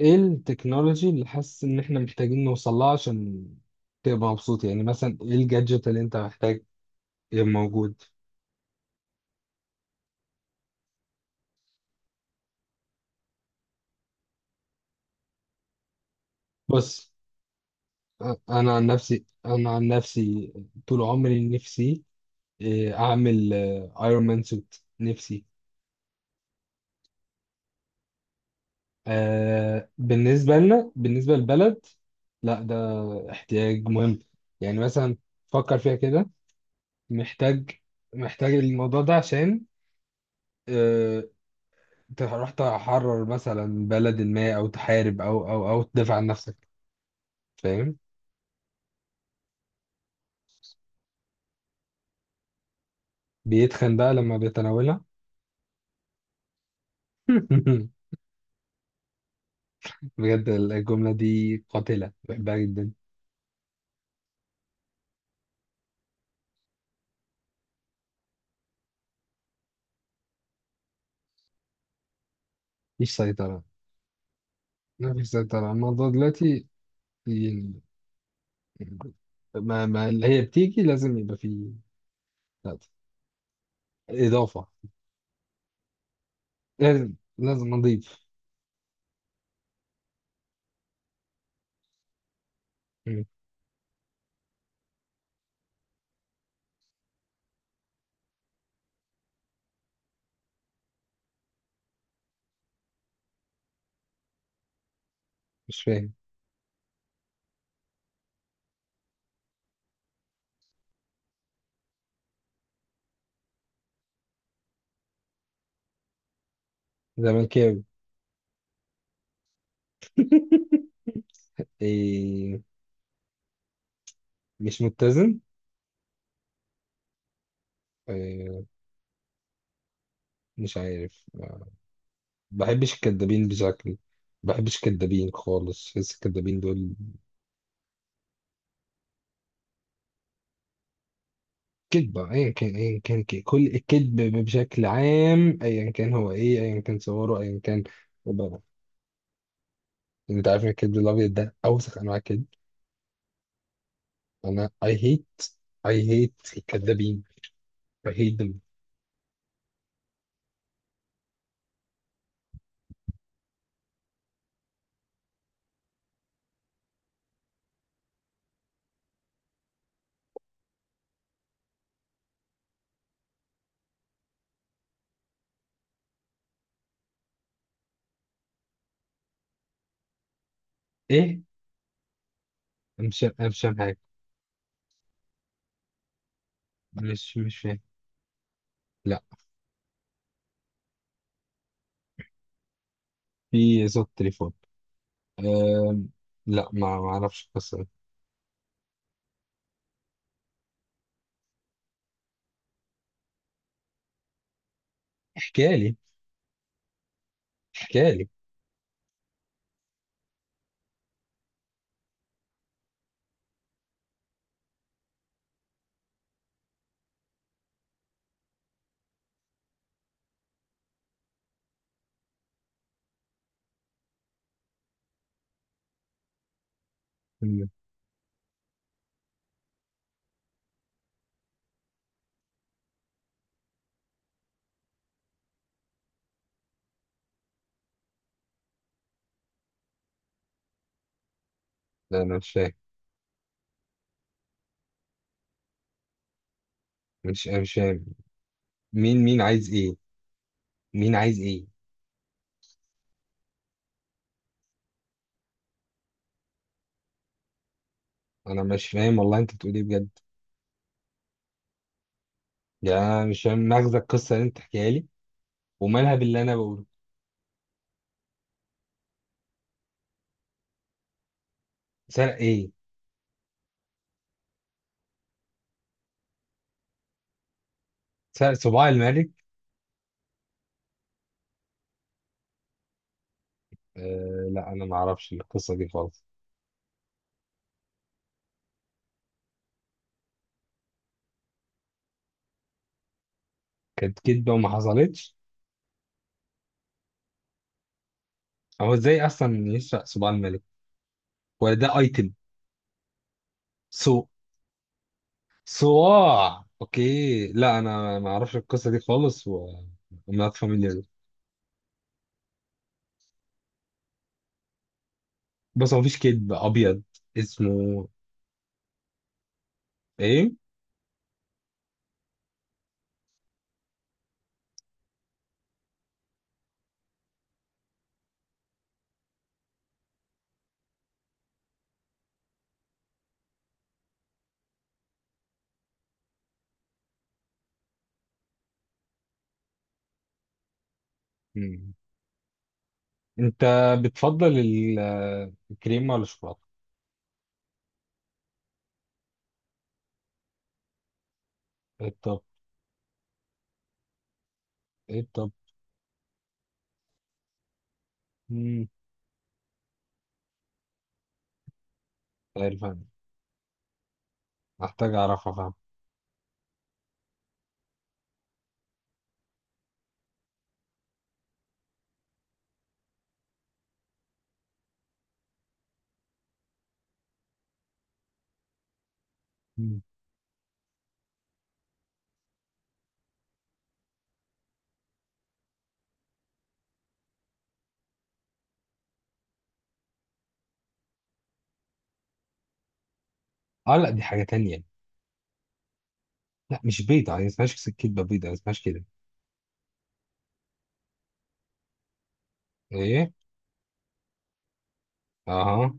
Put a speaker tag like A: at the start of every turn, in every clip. A: ايه التكنولوجي اللي حاسس ان احنا محتاجين نوصل لها عشان تبقى مبسوط، يعني مثلا ايه الجادجت اللي انت محتاج يبقى موجود؟ بص. انا عن نفسي، طول عمري نفسي اعمل ايرون مان سوت. نفسي. آه، بالنسبة لنا، بالنسبة للبلد، لا ده احتياج مهم. يعني مثلا، فكر فيها كده. محتاج محتاج الموضوع ده عشان آه، انت رحت تحرر مثلا بلد ما، او تحارب او تدافع عن نفسك، فاهم؟ بيتخن بقى لما بيتناولها. بجد الجملة دي قاتلة، بحبها جدا. مفيش سيطرة. مفيش سيطرة الموضوع دلوقتي، يعني ما اللي هي بتيجي لازم يبقى فيه، لا، إضافة. لازم نضيف. مم. مش فاهم. زملكاوي. إيه، مش متزن. إيه، مش عارف. ما بحبش الكدابين بشكل. ما بحبش الكدابين خالص، بحس الكدابين دول كذبة. ايا كان، ايا كان، كل الكذب بشكل عام، ايا كان هو ايه، ايا كان صوره ايا كان. بقى. انت عارف ان الكذب الابيض ده اوسخ انواع الكذب. انا I hate الكدابين. I hate them. ايه، انا مش فاهم حاجة. مش فاهم. لا، في صوت تليفون. أم... لا، ما اعرفش القصة دي. احكي لي، احكي لي. لا، انا مش فاهم. مش انا مش فاهم. مين عايز ايه؟ مين عايز ايه؟ انا مش فاهم، والله انت بتقول ايه بجد؟ يعني انا مش فاهم مغزى القصه اللي انت بتحكيها لي. ومالها باللي انا بقوله؟ سرق ايه؟ سرق صباع الملك. آه، لا انا ما اعرفش القصه دي خالص. كانت كدبه وما حصلتش. هو ازاي اصلا يسرق صباع الملك؟ ولا ده ايتم؟ سو صواع، اوكي. لا انا ما اعرفش القصه دي خالص وما اتفهم. بس هو مفيش كدب ابيض اسمه ايه. انت بتفضل الكريمه ولا الشوكولاته؟ ايه الطب؟ ايه الطب؟ مم، مش عارف. انا محتاج اعرفها، فاهم. مم. اه لا، دي حاجه تانية. لا، مش بيضه، يعني اسمهاش كدبه بيضه، ما اسمهاش كده. ايه؟ اها،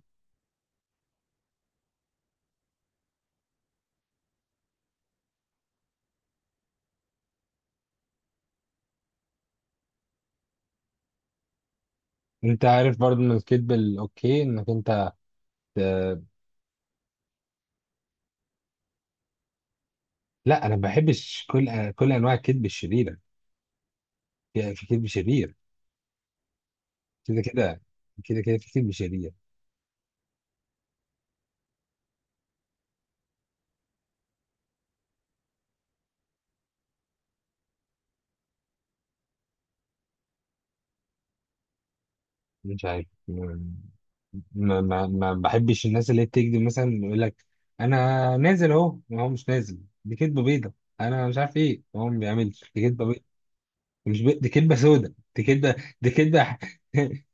A: انت عارف برضو ان الكدب الاوكي، انك انت ت- لا. انا ما بحبش كل انواع الكدب الشريره. في كدب شرير. كده كده، كده كده، في كدب شرير. مش عارف. ما بحبش الناس اللي بتكذب. مثلا يقول لك انا نازل اهو، ما هو مش نازل، دي كدبه بيضه. انا مش عارف ايه هو، ما بيعملش، دي كدبه بيضه. مش بي... دي كدبه سودا، دي كدبه، دي كدبه.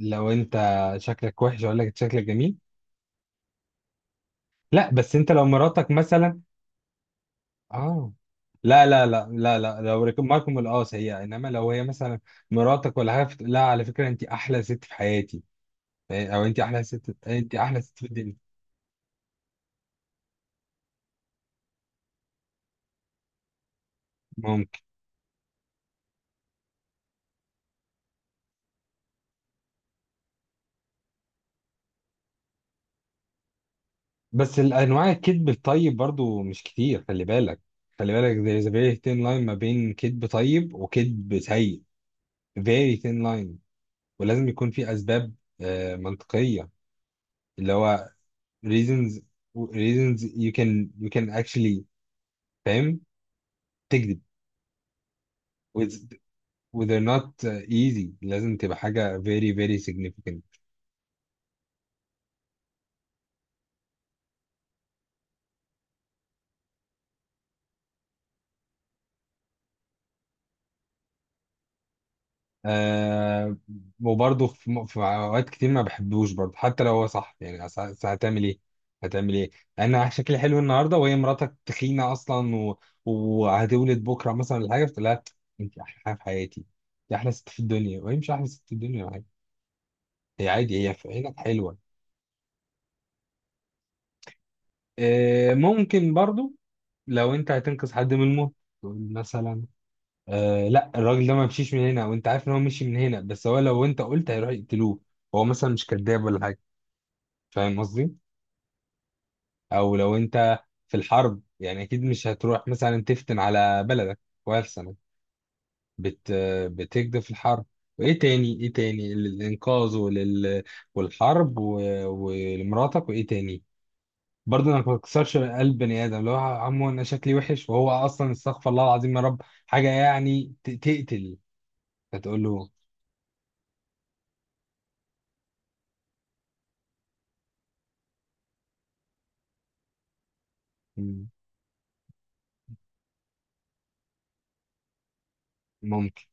A: لو انت شكلك وحش اقول لك شكلك جميل. لا بس انت، لو مراتك مثلا. اه، لا لا لا لا لا، لو ماركم القاس هي، انما لو هي مثلا مراتك ولا حاجه لا، على فكره انت احلى ست في حياتي، او انت احلى ست، انت احلى ست في الدنيا. بس الانواع الكذب الطيب برضو مش كتير، خلي بالك. خلي بالك، there is a very thin line ما بين كذب طيب وكذب سيء. Very thin line. ولازم يكون في اسباب آه، منطقية، اللي هو reasons reasons، you can actually، فاهم، تكذب. with, with they're not easy، لازم تبقى حاجة very very significant. آه، وبرضه في اوقات كتير ما بحبوش برضه حتى لو هو صح، يعني أصل هتعمل ايه؟ هتعمل ايه؟ انا شكلي حلو النهارده، وهي مراتك تخينه اصلا، و... وهتولد بكره مثلا ولا حاجه، فلا، انت احلى حاجه في حياتي، انت احلى ست في الدنيا، وهي مش احلى ست في الدنيا ولا حاجه، هي عادي، هي في عينك حلوه. آه، ممكن برضه. لو انت هتنقذ حد من الموت، تقول مثلا آه لا، الراجل ده ما مشيش من هنا، وانت عارف ان هو مشي من هنا، بس هو لو انت قلت هيروح يقتلوه، هو مثلا مش كذاب ولا حاجه، فاهم قصدي؟ او لو انت في الحرب، يعني اكيد مش هتروح مثلا تفتن على بلدك، وألسنك بت بتكده في الحرب. وايه تاني؟ ايه تاني؟ الانقاذ، ولل... والحرب و... ولمراتك، وايه تاني؟ برضه انا ما بكسرش قلب بني ادم، اللي هو عمو انا شكلي وحش وهو اصلا، استغفر الله العظيم يا رب، حاجه يعني تقتل، فتقول له "مم، ممكن